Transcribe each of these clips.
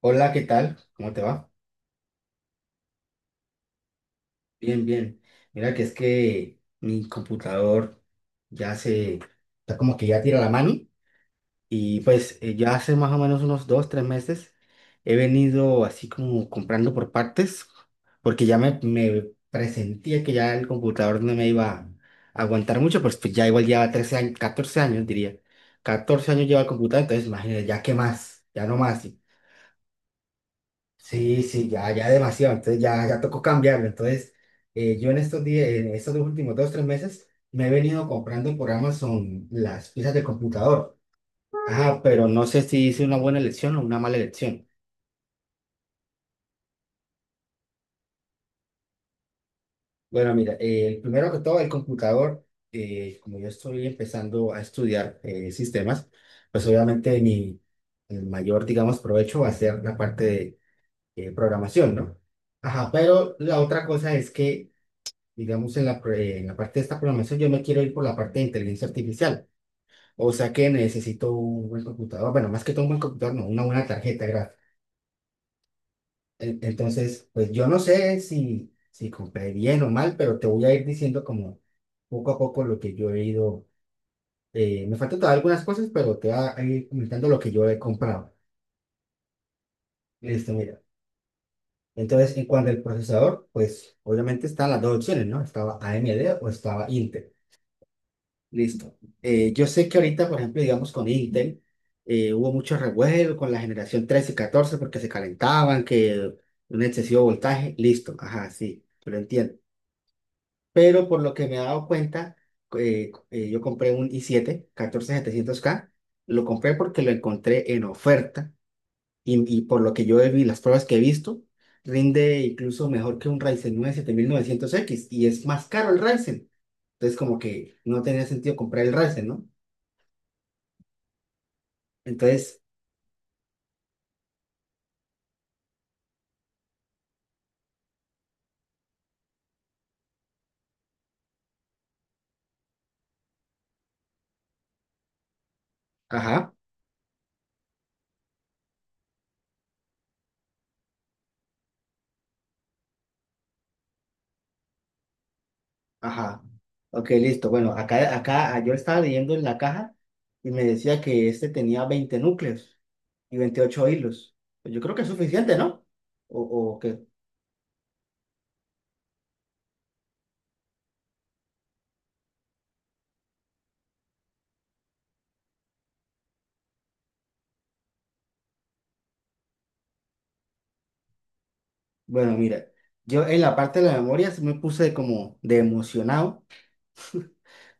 Hola, ¿qué tal? ¿Cómo te va? Bien, bien. Mira que es que mi computador ya se, está como que ya tira la mano y pues ya hace más o menos unos dos, tres meses he venido así como comprando por partes porque ya me presentía que ya el computador no me iba a aguantar mucho, pues ya igual lleva 13 años, 14 años diría. 14 años lleva el computador, entonces imagínate, ya qué más, ya no más. Sí, sí, ya, ya demasiado, entonces ya, ya tocó cambiarlo. Entonces, yo en estos días, en estos dos últimos dos, tres meses, me he venido comprando por Amazon las piezas del computador. Ajá, pero no sé si hice una buena elección o una mala elección. Bueno, mira, primero que todo, el computador, como yo estoy empezando a estudiar sistemas, pues obviamente mi el mayor, digamos, provecho va a ser la parte de programación, ¿no? Ajá, pero la otra cosa es que digamos, en la parte de esta programación, yo me quiero ir por la parte de inteligencia artificial. O sea que necesito un buen computador. Bueno, más que todo un buen computador, no, una buena tarjeta gráfica. Entonces, pues yo no sé si, si compré bien o mal, pero te voy a ir diciendo como poco a poco lo que yo he ido. Me faltan todavía algunas cosas, pero te voy a ir comentando lo que yo he comprado. Listo, mira. Entonces, en cuanto al procesador, pues obviamente están las dos opciones, ¿no? Estaba AMD o estaba Intel. Listo. Yo sé que ahorita, por ejemplo, digamos con Intel, hubo mucho revuelo con la generación 13 y 14 porque se calentaban, que un excesivo voltaje. Listo. Ajá, sí, yo lo entiendo. Pero por lo que me he dado cuenta, yo compré un i7-14700K. Lo compré porque lo encontré en oferta y por lo que yo vi, las pruebas que he visto, rinde incluso mejor que un Ryzen 9 7900X y es más caro el Ryzen. Entonces, como que no tenía sentido comprar el Ryzen, ¿no? Entonces, ajá, ajá. Ok, listo. Bueno, acá, acá yo estaba leyendo en la caja y me decía que este tenía 20 núcleos y 28 hilos. Pues yo creo que es suficiente, ¿no? O, o que, bueno, mira, yo en la parte de la memoria sí me puse como de emocionado.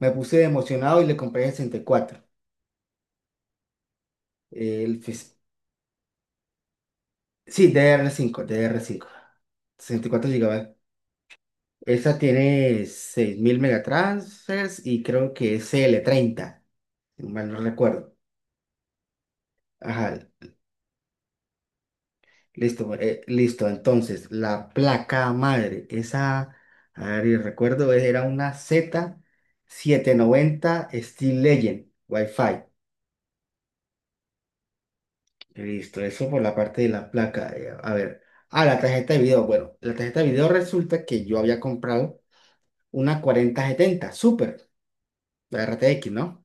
Me puse de emocionado y le compré el cuatro. El, fis- sí, DDR5, ddr y 4 gigabytes. Esa tiene 6.000 megatransfers y creo que es CL30 si mal no recuerdo. Ajá, listo, listo. Entonces, la placa madre, esa, a ver, y recuerdo, era una Z790 Steel Legend Wi-Fi. Listo, eso por la parte de la placa. A ver, ah, la tarjeta de video. Bueno, la tarjeta de video resulta que yo había comprado una 4070 Super, la RTX, ¿no?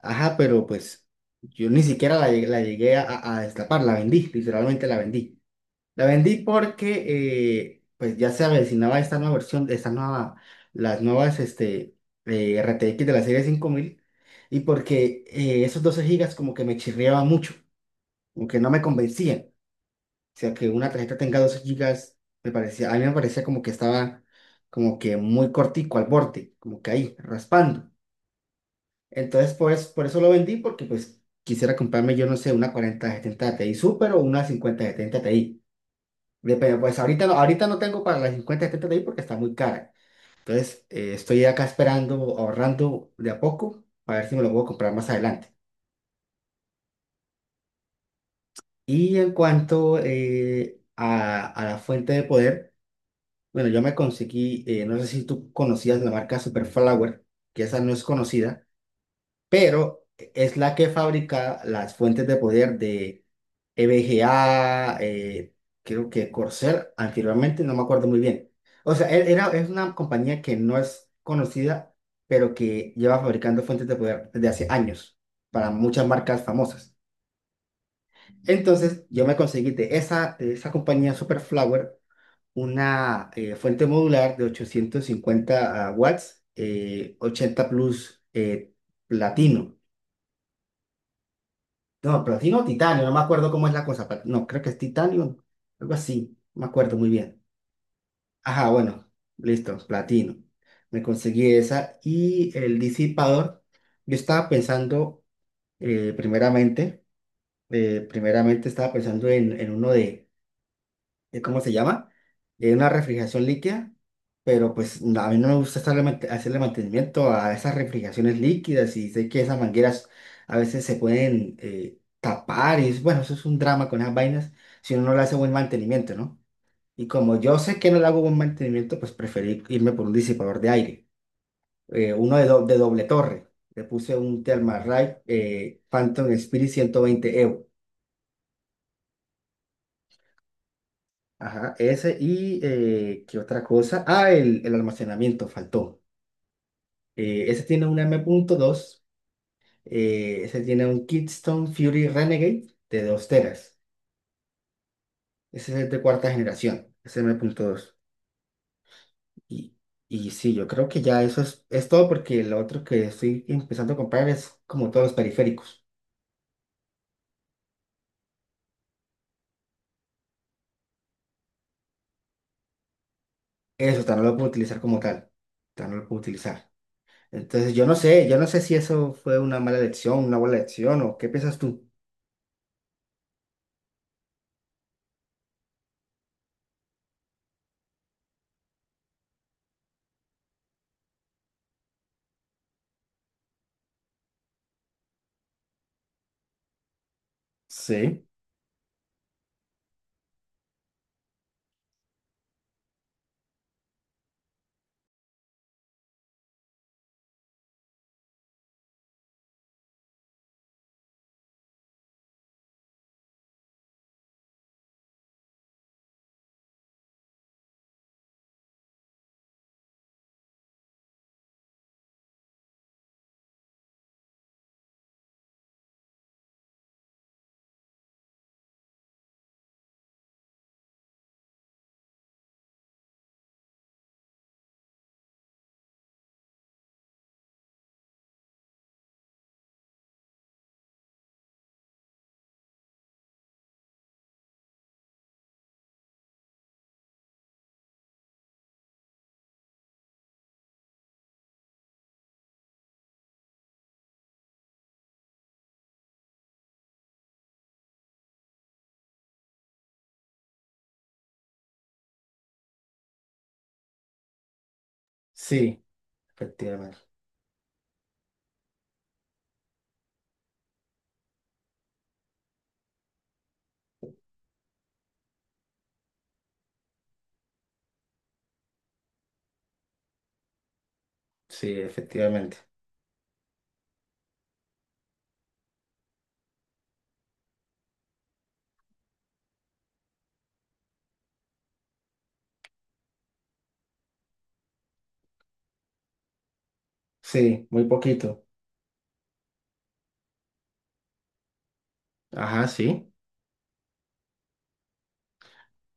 Ajá, pero pues yo ni siquiera la, la llegué a destapar, la vendí, literalmente la vendí. La vendí porque pues ya se avecinaba esta nueva versión, esta nueva, las nuevas RTX de la serie 5000 y porque esos 12 gigas como que me chirriaba mucho, como que no me convencían. O sea, que una tarjeta tenga 12 gigas, me parecía, a mí me parecía como que estaba como que muy cortico al borde, como que ahí, raspando. Entonces, por eso lo vendí, porque pues quisiera comprarme, yo no sé, una 4070 Ti Super o una 5070 Ti. Depende, pues ahorita no tengo para la 5070 Ti porque está muy cara. Entonces, estoy acá esperando, ahorrando de a poco, para ver si me lo puedo comprar más adelante. Y en cuanto a la fuente de poder, bueno, yo me conseguí, no sé si tú conocías la marca Superflower, que esa no es conocida pero es la que fabrica las fuentes de poder de EVGA, creo que Corsair, anteriormente, no me acuerdo muy bien. O sea, era, es una compañía que no es conocida, pero que lleva fabricando fuentes de poder desde hace años para muchas marcas famosas. Entonces, yo me conseguí de esa compañía Superflower una fuente modular de 850 watts, 80 plus platino. No, platino o titanio, no me acuerdo cómo es la cosa. No, creo que es titanio, algo así, no me acuerdo muy bien. Ajá, bueno, listo, platino. Me conseguí esa y el disipador. Yo estaba pensando, eh, primeramente, primeramente estaba pensando en uno de ¿cómo se llama? Una refrigeración líquida, pero pues no, a mí no me gusta hacerle mantenimiento a esas refrigeraciones líquidas y sé que esas mangueras a veces se pueden tapar y bueno, eso es un drama con esas vainas si uno no le hace buen mantenimiento, ¿no? Y como yo sé que no le hago buen mantenimiento, pues preferí irme por un disipador de aire, uno de, de doble torre. Le puse un Thermalright Phantom Spirit 120. Ajá, ese y ¿qué otra cosa? Ah, el almacenamiento faltó. Ese tiene un m M.2, ese tiene un Keystone Fury Renegade de 2 teras. Ese es de cuarta generación, ese M.2. Y, y sí, yo creo que ya eso es todo porque lo otro que estoy empezando a comprar es como todos los periféricos. Eso tan no lo puedo utilizar como tal, tan no lo puedo utilizar. Entonces yo no sé si eso fue una mala elección, una buena elección o qué piensas tú. Sí. Sí, efectivamente. Sí, efectivamente. Sí, muy poquito. Ajá, sí.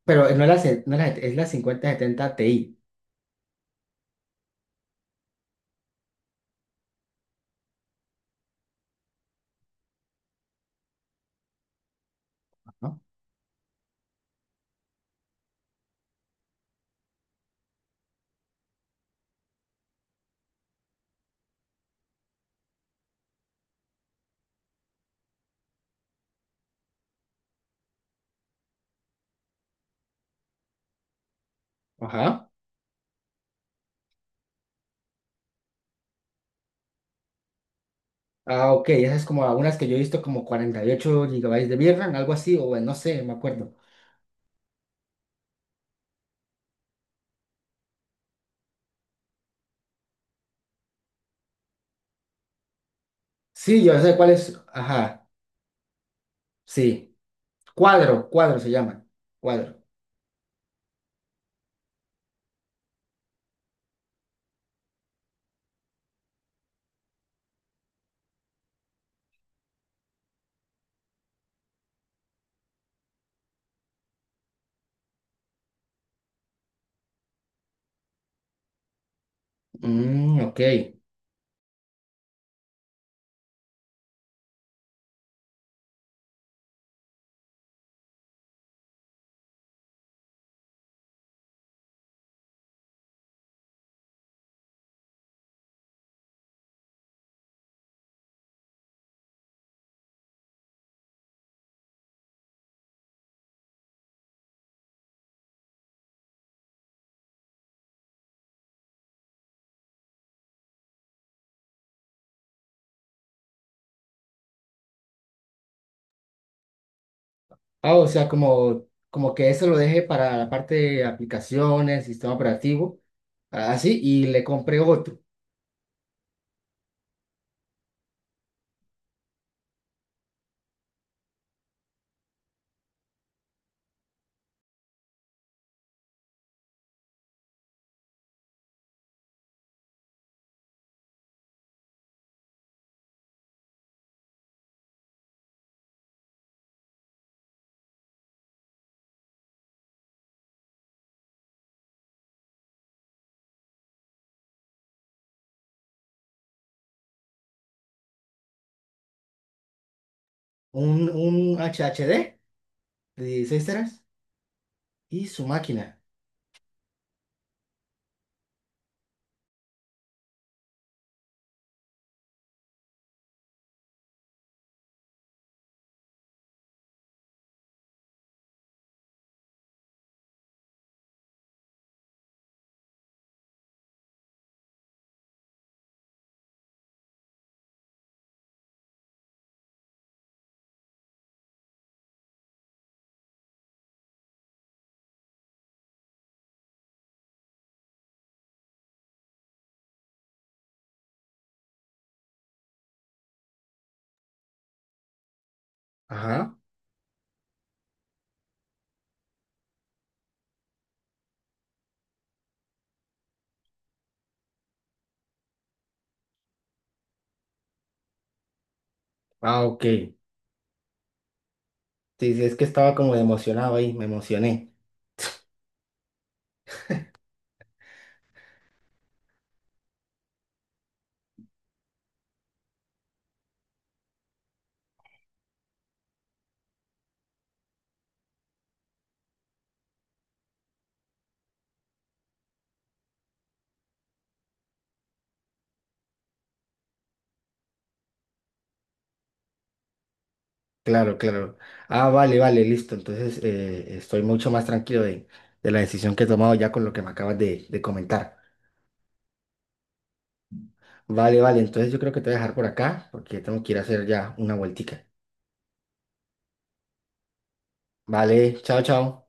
Pero no es la, es la 5070 Ti, ¿no? Ajá. Ah, ok. Esas es como algunas que yo he visto como 48 gigabytes de VRAM, algo así, o bueno, no sé, me acuerdo. Sí, yo sé cuál es. Ajá, sí. Cuadro, cuadro se llaman. Cuadro. Mm, ok. Ah, o sea, como que eso lo dejé para la parte de aplicaciones, sistema operativo, así, y le compré otro. Un HHD de 16 teras y su máquina. Ajá. Ah, ok. Sí, sí, es que estaba como emocionado ahí, me emocioné. Claro, claro. Ah, vale, vale, listo. Entonces estoy mucho más tranquilo de la decisión que he tomado ya con lo que me acabas de comentar. Vale, vale, entonces yo creo que te voy a dejar por acá porque tengo que ir a hacer ya una vueltica. Vale, chao, chao.